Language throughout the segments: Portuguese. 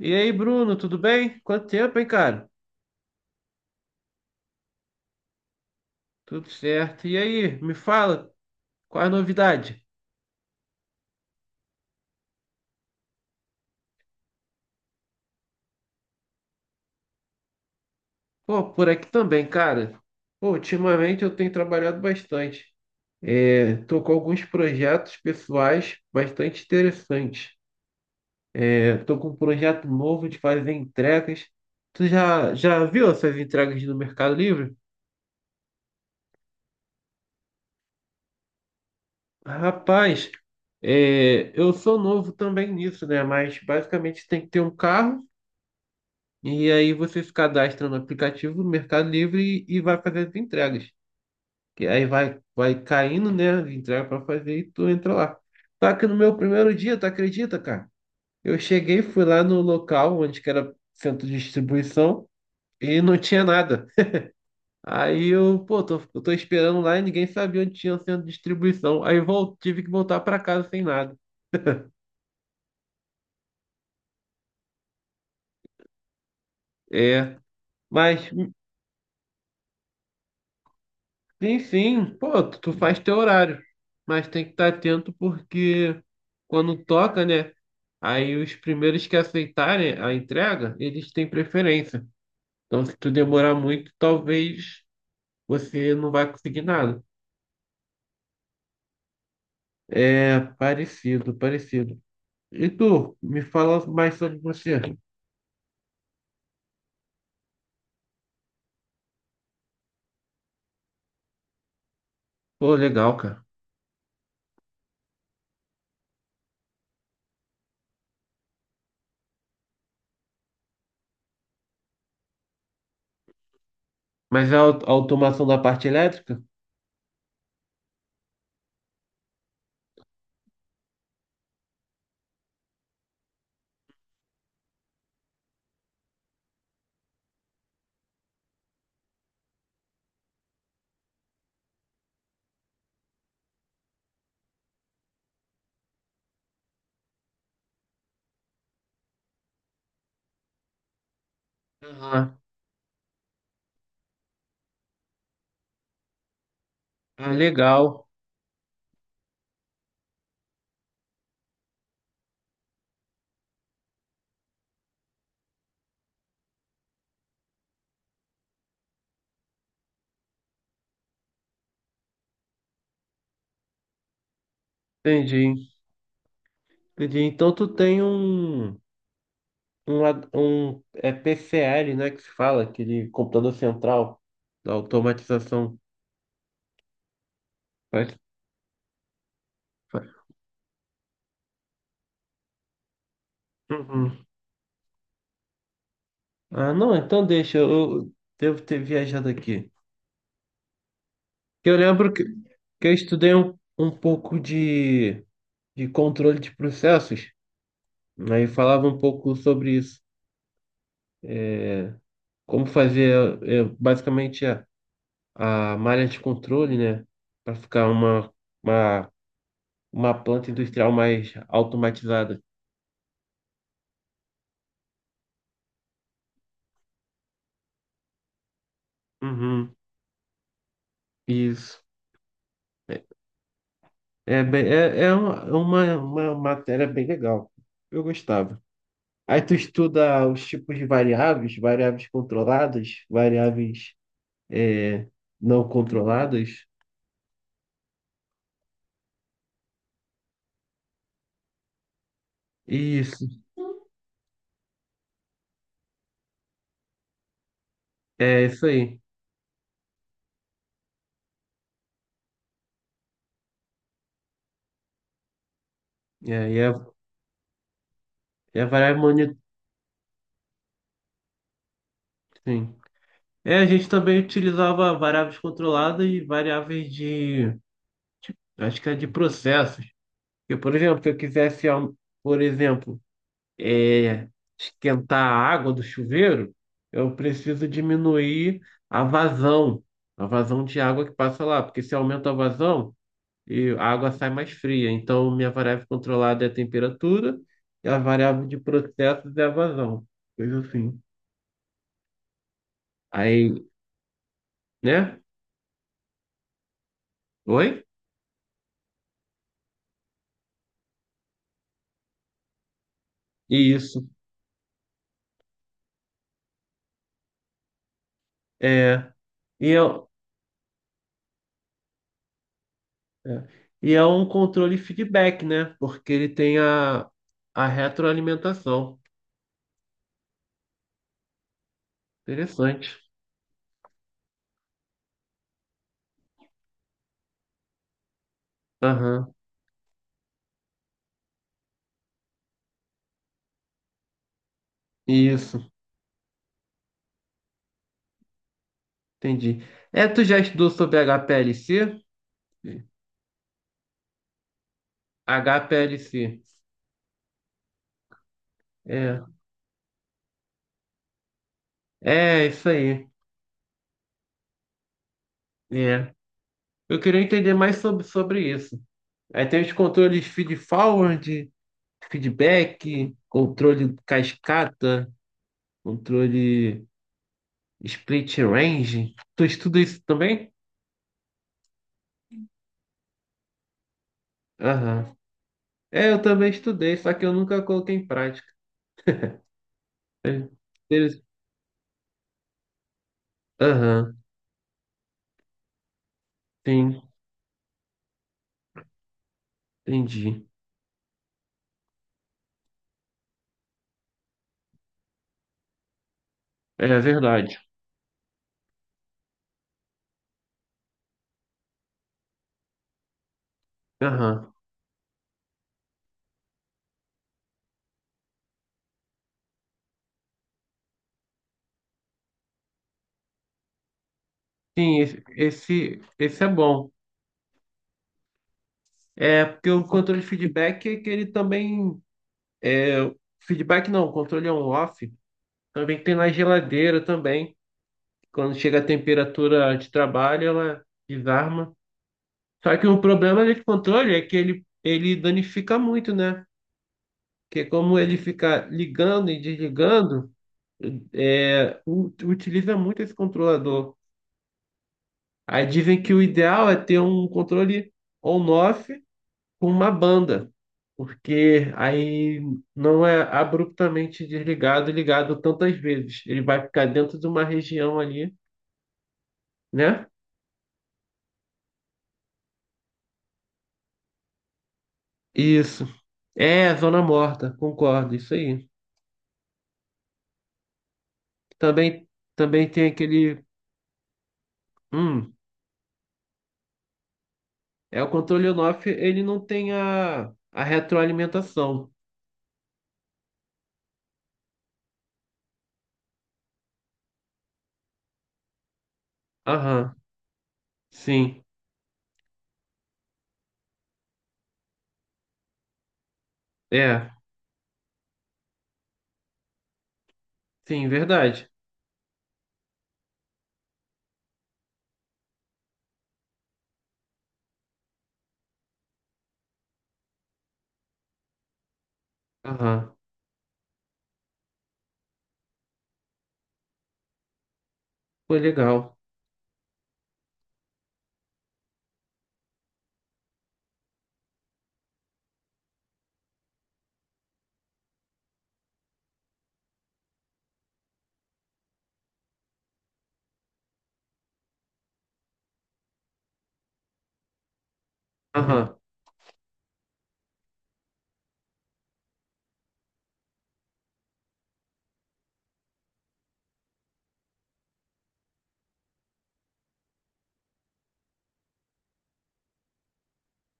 E aí, Bruno, tudo bem? Quanto tempo, hein, cara? Tudo certo. E aí, me fala, qual é a novidade? Pô, por aqui também, cara. Pô, ultimamente eu tenho trabalhado bastante. Tô com alguns projetos pessoais bastante interessantes. Tô com um projeto novo de fazer entregas. Tu já viu essas entregas no Mercado Livre? Rapaz, eu sou novo também nisso, né? Mas basicamente tem que ter um carro. E aí você se cadastra no aplicativo do Mercado Livre e vai fazer as entregas. Que aí vai caindo, né, as entregas para fazer e tu entra lá. Só que no meu primeiro dia, tu acredita, cara? Eu cheguei, fui lá no local onde que era centro de distribuição e não tinha nada. Aí eu, pô, eu tô esperando lá e ninguém sabia onde tinha o centro de distribuição. Tive que voltar para casa sem nada. É, mas... Sim, sim. Pô, tu faz teu horário, mas tem que estar atento porque quando toca, né? Aí os primeiros que aceitarem a entrega, eles têm preferência. Então, se tu demorar muito, talvez você não vai conseguir nada. É parecido, parecido. E tu, me fala mais sobre você. Pô, legal, cara. Mas é a a automação da parte elétrica? Aham. Ah, legal. Entendi. Entendi. Então tu tem um. Um, ad- Um é PCL, né, que se fala, aquele computador central da automatização. Faz- faz- Uhum. Ah, não, então deixa, eu devo ter viajado aqui. Eu lembro que eu estudei um pouco de controle de processos, aí falava um pouco sobre isso, é, como fazer é, basicamente a malha de controle, né, para ficar uma, uma planta industrial mais automatizada. Uhum. Isso. É, bem, é uma matéria bem legal. Eu gostava. Aí tu estuda os tipos de variáveis, variáveis controladas, variáveis, é, não controladas. Isso, é isso aí. É e a variável monitor, sim. É, a gente também utilizava variáveis controladas e variáveis de, acho que é de processos. Porque, por exemplo, se eu quisesse, por exemplo, é, esquentar a água do chuveiro, eu preciso diminuir a vazão, a vazão de água que passa lá, porque se aumenta a vazão, e a água sai mais fria. Então, minha variável controlada é a temperatura e a variável de processos é a vazão, coisa assim. Aí, né? Oi? Isso. É, e é, é, é um controle feedback, né? Porque ele tem a retroalimentação. Interessante. Aham. Isso. Entendi. É, tu já estudou sobre HPLC? HPLC. É, é isso aí. É. Eu queria entender mais sobre, sobre isso. Aí tem os controles feed forward, feedback, controle cascata, controle split range. Tu estuda isso também? Aham. É, eu também estudei, só que eu nunca coloquei em prática. Eles- aham, sim, entendi. É verdade. Aham. Sim, esse é bom. É, porque o controle de feedback é que ele também. Feedback não, controle é on-off. Também tem na geladeira também. Quando chega a temperatura de trabalho, ela desarma. Só que o problema desse controle é que ele danifica muito, né? Porque como ele fica ligando e desligando, é, utiliza muito esse controlador. Aí dizem que o ideal é ter um controle on-off com uma banda, porque aí não é abruptamente desligado e ligado tantas vezes. Ele vai ficar dentro de uma região ali, né? Isso. É, zona morta, concordo, isso aí. Também, também tem aquele. Hum, é o controle on-off, ele não tem a retroalimentação. Aham, sim. É, sim, verdade. Aham, foi legal. Aham,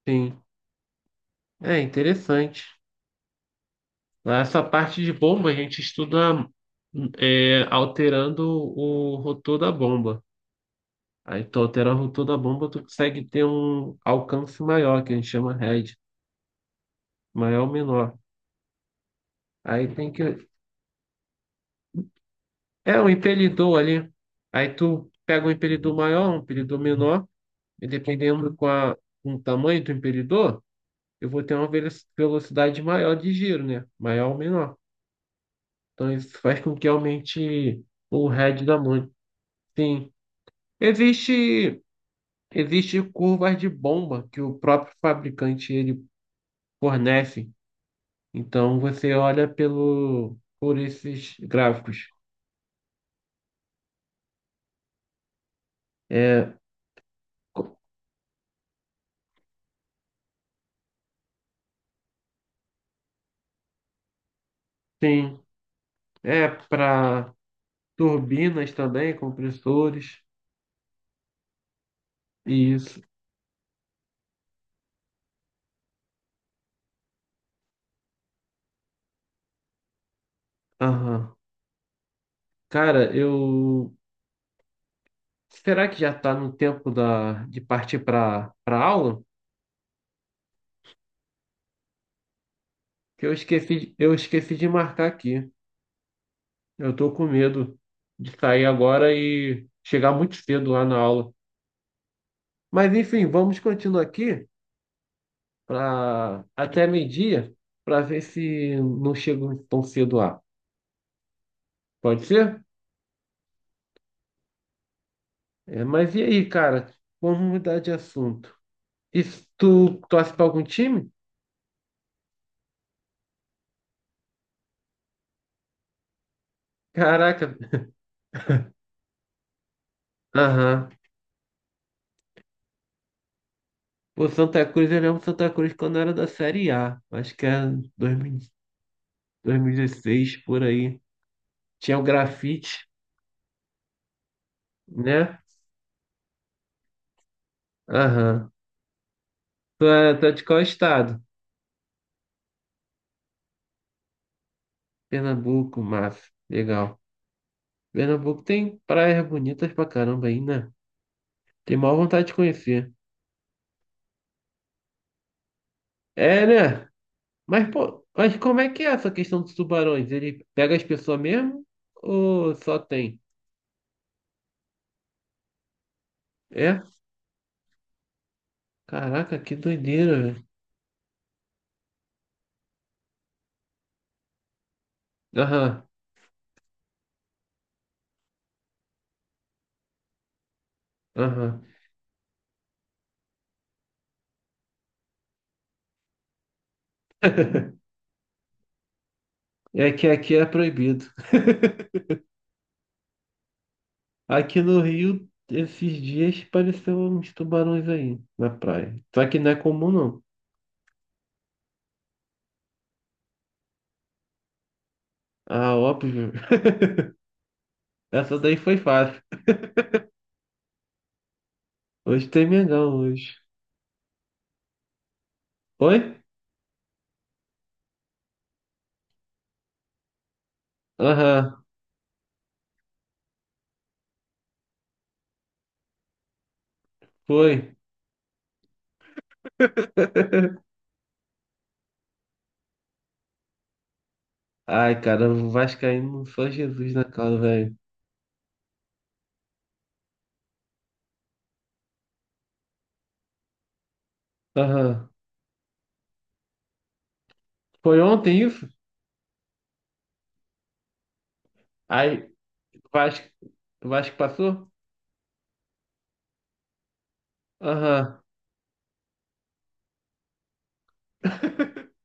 sim. É interessante. Né? Essa parte de bomba a gente estuda é, alterando o rotor da bomba. Aí tu altera o rotor da bomba, tu consegue ter um alcance maior, que a gente chama head, maior ou menor. Aí tem que. É um impelidor ali. Aí tu pega um impelidor maior, um impelidor menor, e dependendo com o tamanho do impelidor, eu vou ter uma velocidade maior de giro, né? Maior ou menor. Então isso faz com que aumente o head da mão. Sim. Existe. Existem curvas de bomba que o próprio fabricante ele fornece. Então você olha pelo por esses gráficos. É, co- tem é para turbinas também, compressores e isso. Aham. Cara, eu será que já está no tempo da de partir para para aula? Que eu esqueci de marcar aqui. Eu tô com medo de sair agora e chegar muito cedo lá na aula. Mas enfim, vamos continuar aqui para até meio-dia para ver se não chego tão cedo lá. Pode ser? É, mas e aí, cara? Vamos mudar de assunto. E se tu torce para algum time? Caraca. Aham. O Santa Cruz, eu lembro do Santa Cruz quando era da Série A. Acho que era dois mil dois mil e 2016, por aí. Tinha o grafite, né? Aham. Tu é de qual estado? Pernambuco, massa. Legal. Pernambuco tem praias bonitas pra caramba aí, né? Tem maior vontade de conhecer. É, né? Mas, pô, mas como é que é essa questão dos tubarões? Ele pega as pessoas mesmo ou só tem? É? Caraca, que doideira, velho. Aham, aham. É que aqui é proibido. Aqui no Rio, esses dias apareceu uns tubarões aí na praia. Só que não é comum, não. Ah, óbvio. Essa daí foi fácil. Hoje tem Mengão, hoje. Oi? Aham. Foi. Ai, cara, o Vascaíno só Jesus na causa, velho. Aham. Foi ontem isso? Aí, Vasco, Vasco passou? Aham.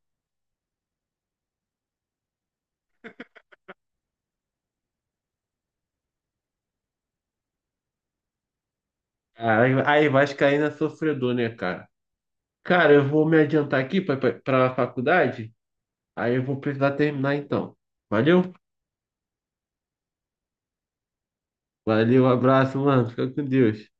Aí, aí, Vascaína é sofredor, né, cara? Cara, eu vou me adiantar aqui para a faculdade. Aí eu vou precisar terminar então. Valeu? Valeu, abraço, mano. Fica com Deus.